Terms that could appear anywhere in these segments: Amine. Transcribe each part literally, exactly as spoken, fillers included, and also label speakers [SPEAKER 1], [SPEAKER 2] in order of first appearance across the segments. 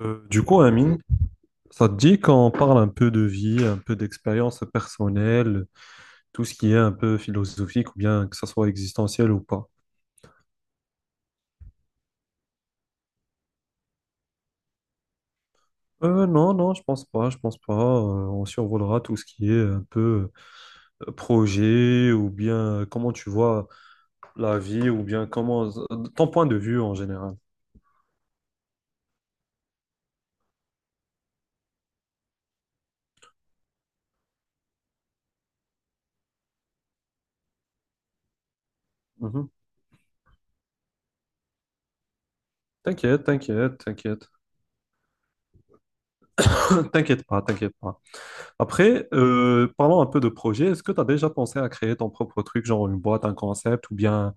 [SPEAKER 1] Euh, du coup, Amine, ça te dit qu'on parle un peu de vie, un peu d'expérience personnelle, tout ce qui est un peu philosophique ou bien que ça soit existentiel ou pas? Euh, non, non, je pense pas, je pense pas. Euh, on survolera tout ce qui est un peu euh, projet ou bien euh, comment tu vois la vie ou bien comment euh, ton point de vue en général. Mhm. T'inquiète, t'inquiète, t'inquiète. T'inquiète pas, t'inquiète pas. Après, euh, parlons un peu de projet. Est-ce que tu as déjà pensé à créer ton propre truc, genre une boîte, un concept, ou bien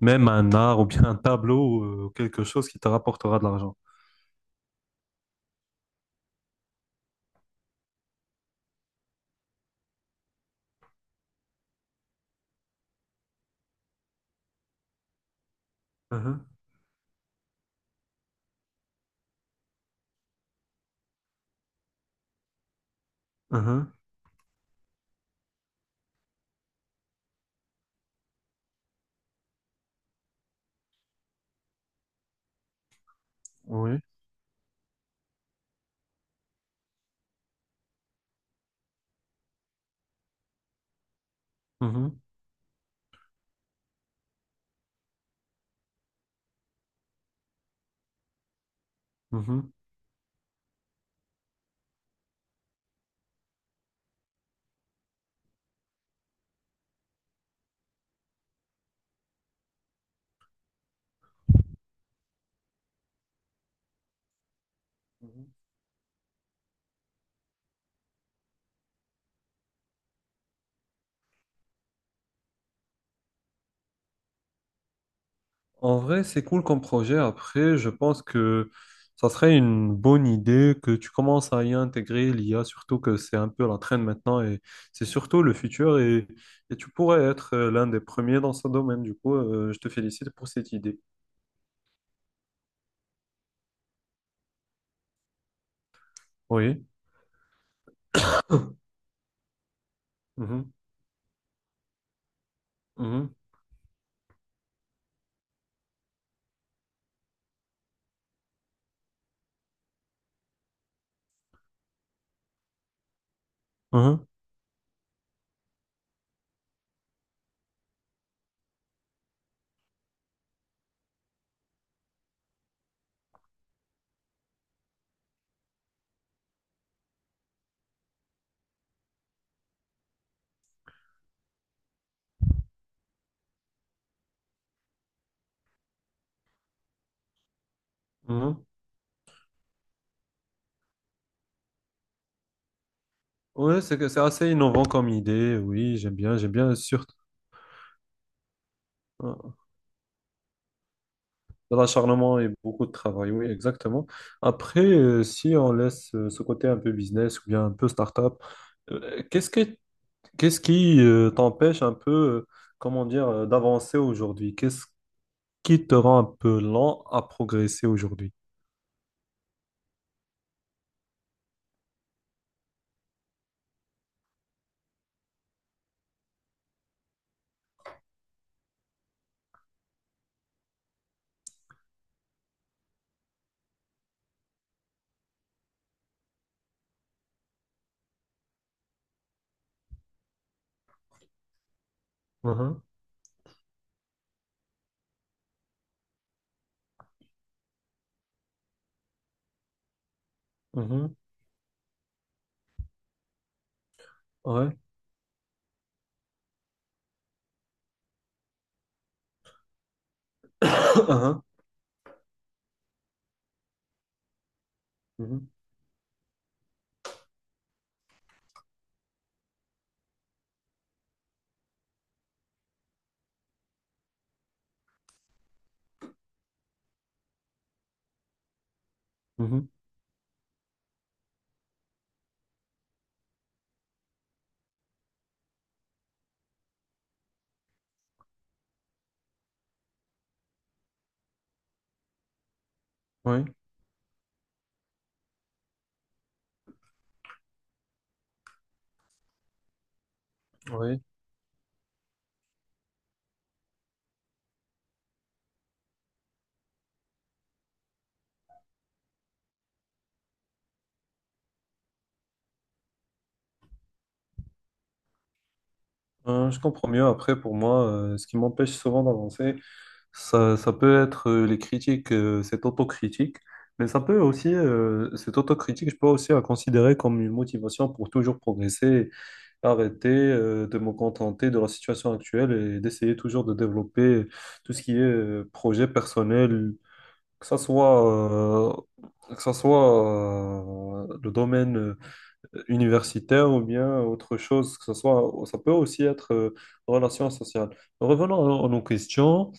[SPEAKER 1] même un art, ou bien un tableau, euh, quelque chose qui te rapportera de l'argent? Mhm, mhm, oui. Mhm, mhm. En vrai, c'est cool comme projet. Après, je pense que ça serait une bonne idée que tu commences à y intégrer l'I A, surtout que c'est un peu la traîne maintenant et c'est surtout le futur et, et tu pourrais être euh, l'un des premiers dans ce domaine. Du coup, euh, je te félicite pour cette idée. Oui. Mhm. Mhm. Mhm. Mhm. Ouais, c'est que c'est assez innovant comme idée. Oui, j'aime bien, j'aime bien, surtout. euh, De l'acharnement et beaucoup de travail, oui, exactement. Après, euh, si on laisse euh, ce côté un peu business ou bien un peu start-up, euh, qu'est-ce que, qu'est-ce qui euh, t'empêche un peu, euh, comment dire, euh, d'avancer aujourd'hui? Qu'est-ce qui te rend un peu lent à progresser aujourd'hui? Mhm, mhm, ouais, mhm, mhm, mhm, oui, oui. Euh, je comprends mieux. Après, pour moi, euh, ce qui m'empêche souvent d'avancer, Ça, ça peut être euh, les critiques, euh, cette autocritique, mais ça peut aussi, euh, cette autocritique, je peux aussi la considérer comme une motivation pour toujours progresser, arrêter euh, de me contenter de la situation actuelle et d'essayer toujours de développer tout ce qui est euh, projet personnel, que ça soit, euh, que ça soit euh, le domaine euh, universitaire ou bien autre chose, que ça soit, ça peut aussi être euh, relation sociale. Revenons à à nos questions.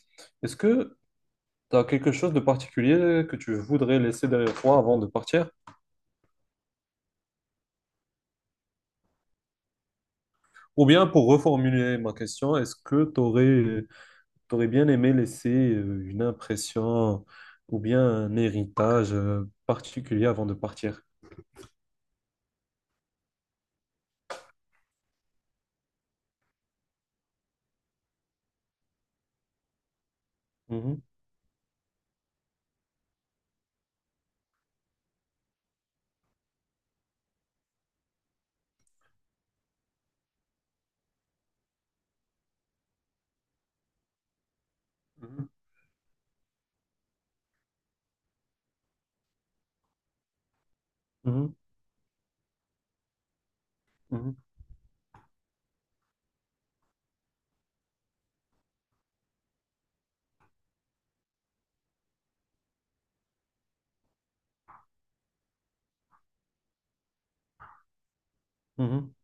[SPEAKER 1] Est-ce que t'as quelque chose de particulier que tu voudrais laisser derrière toi avant de partir? Ou bien pour reformuler ma question, est-ce que t'aurais, t'aurais bien aimé laisser euh, une impression ou bien un héritage euh, particulier avant de partir? Mhm, mhm, mhm, mhm,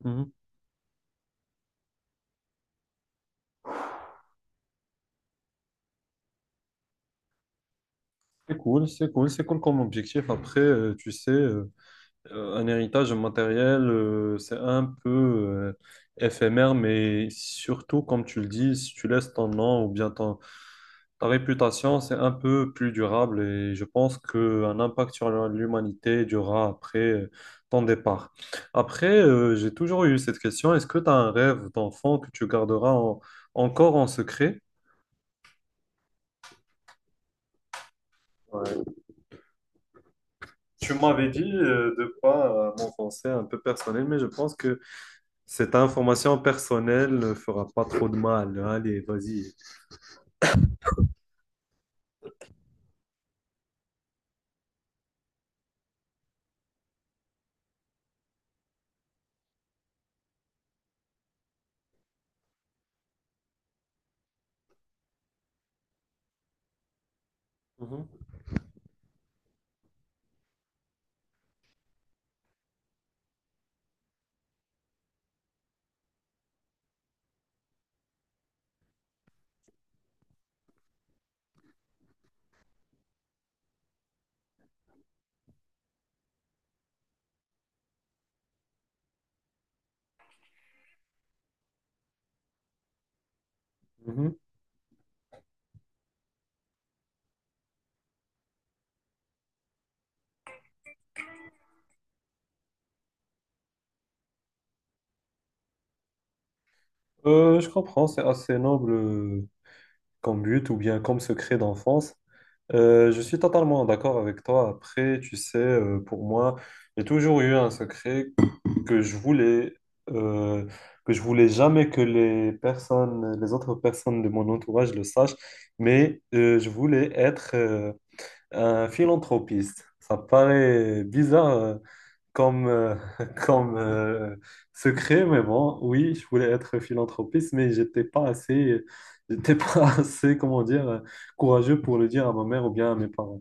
[SPEAKER 1] mhm, mhm. C'est cool, c'est cool, c'est cool comme objectif. Après, euh, tu sais. Euh, euh, un héritage matériel, euh, c'est un peu euh, éphémère, mais surtout, comme tu le dis, si tu laisses ton nom ou bien ton, ta réputation, c'est un peu plus durable et je pense qu'un impact sur la- l'humanité durera après euh, ton départ. Après, euh, j'ai toujours eu cette question, est-ce que tu as un rêve d'enfant que tu garderas en- encore en secret? Ouais. Tu m'avais dit euh, de pas euh, m'enfoncer un peu personnel, mais je pense que cette information personnelle ne fera pas trop de mal. Allez, vas-y. Mhm, mhm. Euh, je comprends, c'est assez noble euh, comme but ou bien comme secret d'enfance. Euh, je suis totalement d'accord avec toi. Après, tu sais, euh, pour moi, j'ai toujours eu un secret que je voulais euh, que je voulais jamais que les personnes, les autres personnes de mon entourage le sachent, mais euh, je voulais être euh, un philanthropiste. Ça paraît bizarre euh, comme euh, comme euh, secret, mais bon, oui, je voulais être philanthropiste, mais j'étais pas assez. J'étais pas assez, comment dire, courageux pour le dire à ma mère ou bien à mes parents.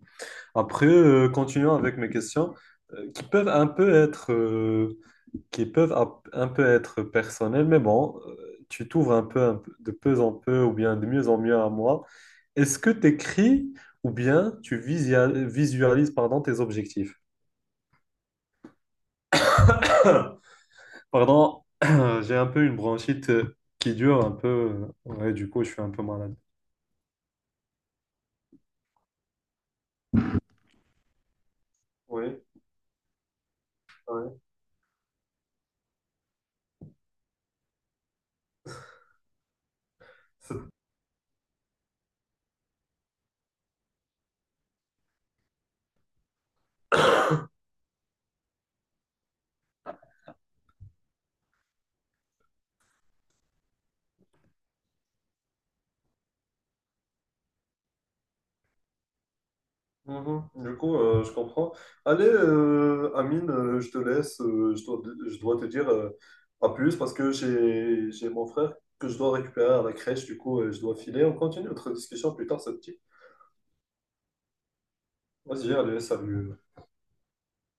[SPEAKER 1] Après, euh, continuons avec mes questions euh, qui peuvent un peu être euh, qui peuvent ap- un peu être personnelles, mais bon, euh, tu t'ouvres un peu, un peu- de peu en peu ou bien de mieux en mieux à moi. Est-ce que tu écris ou bien tu visia- visualises pardon, tes objectifs? Pardon, j'ai un peu une bronchite euh, qui dure un peu. euh, Ouais, du coup, je suis un peu malade. Oui, oui. Mhm. Du coup, euh, je comprends. Allez, euh, Amine, euh, je te laisse. Euh, je dois, je dois te dire euh, à plus parce que j'ai, j'ai mon frère que je dois récupérer à la crèche. Du coup, euh, je dois filer. On continue notre discussion plus tard, ça te dit? Vas-y, allez, salut.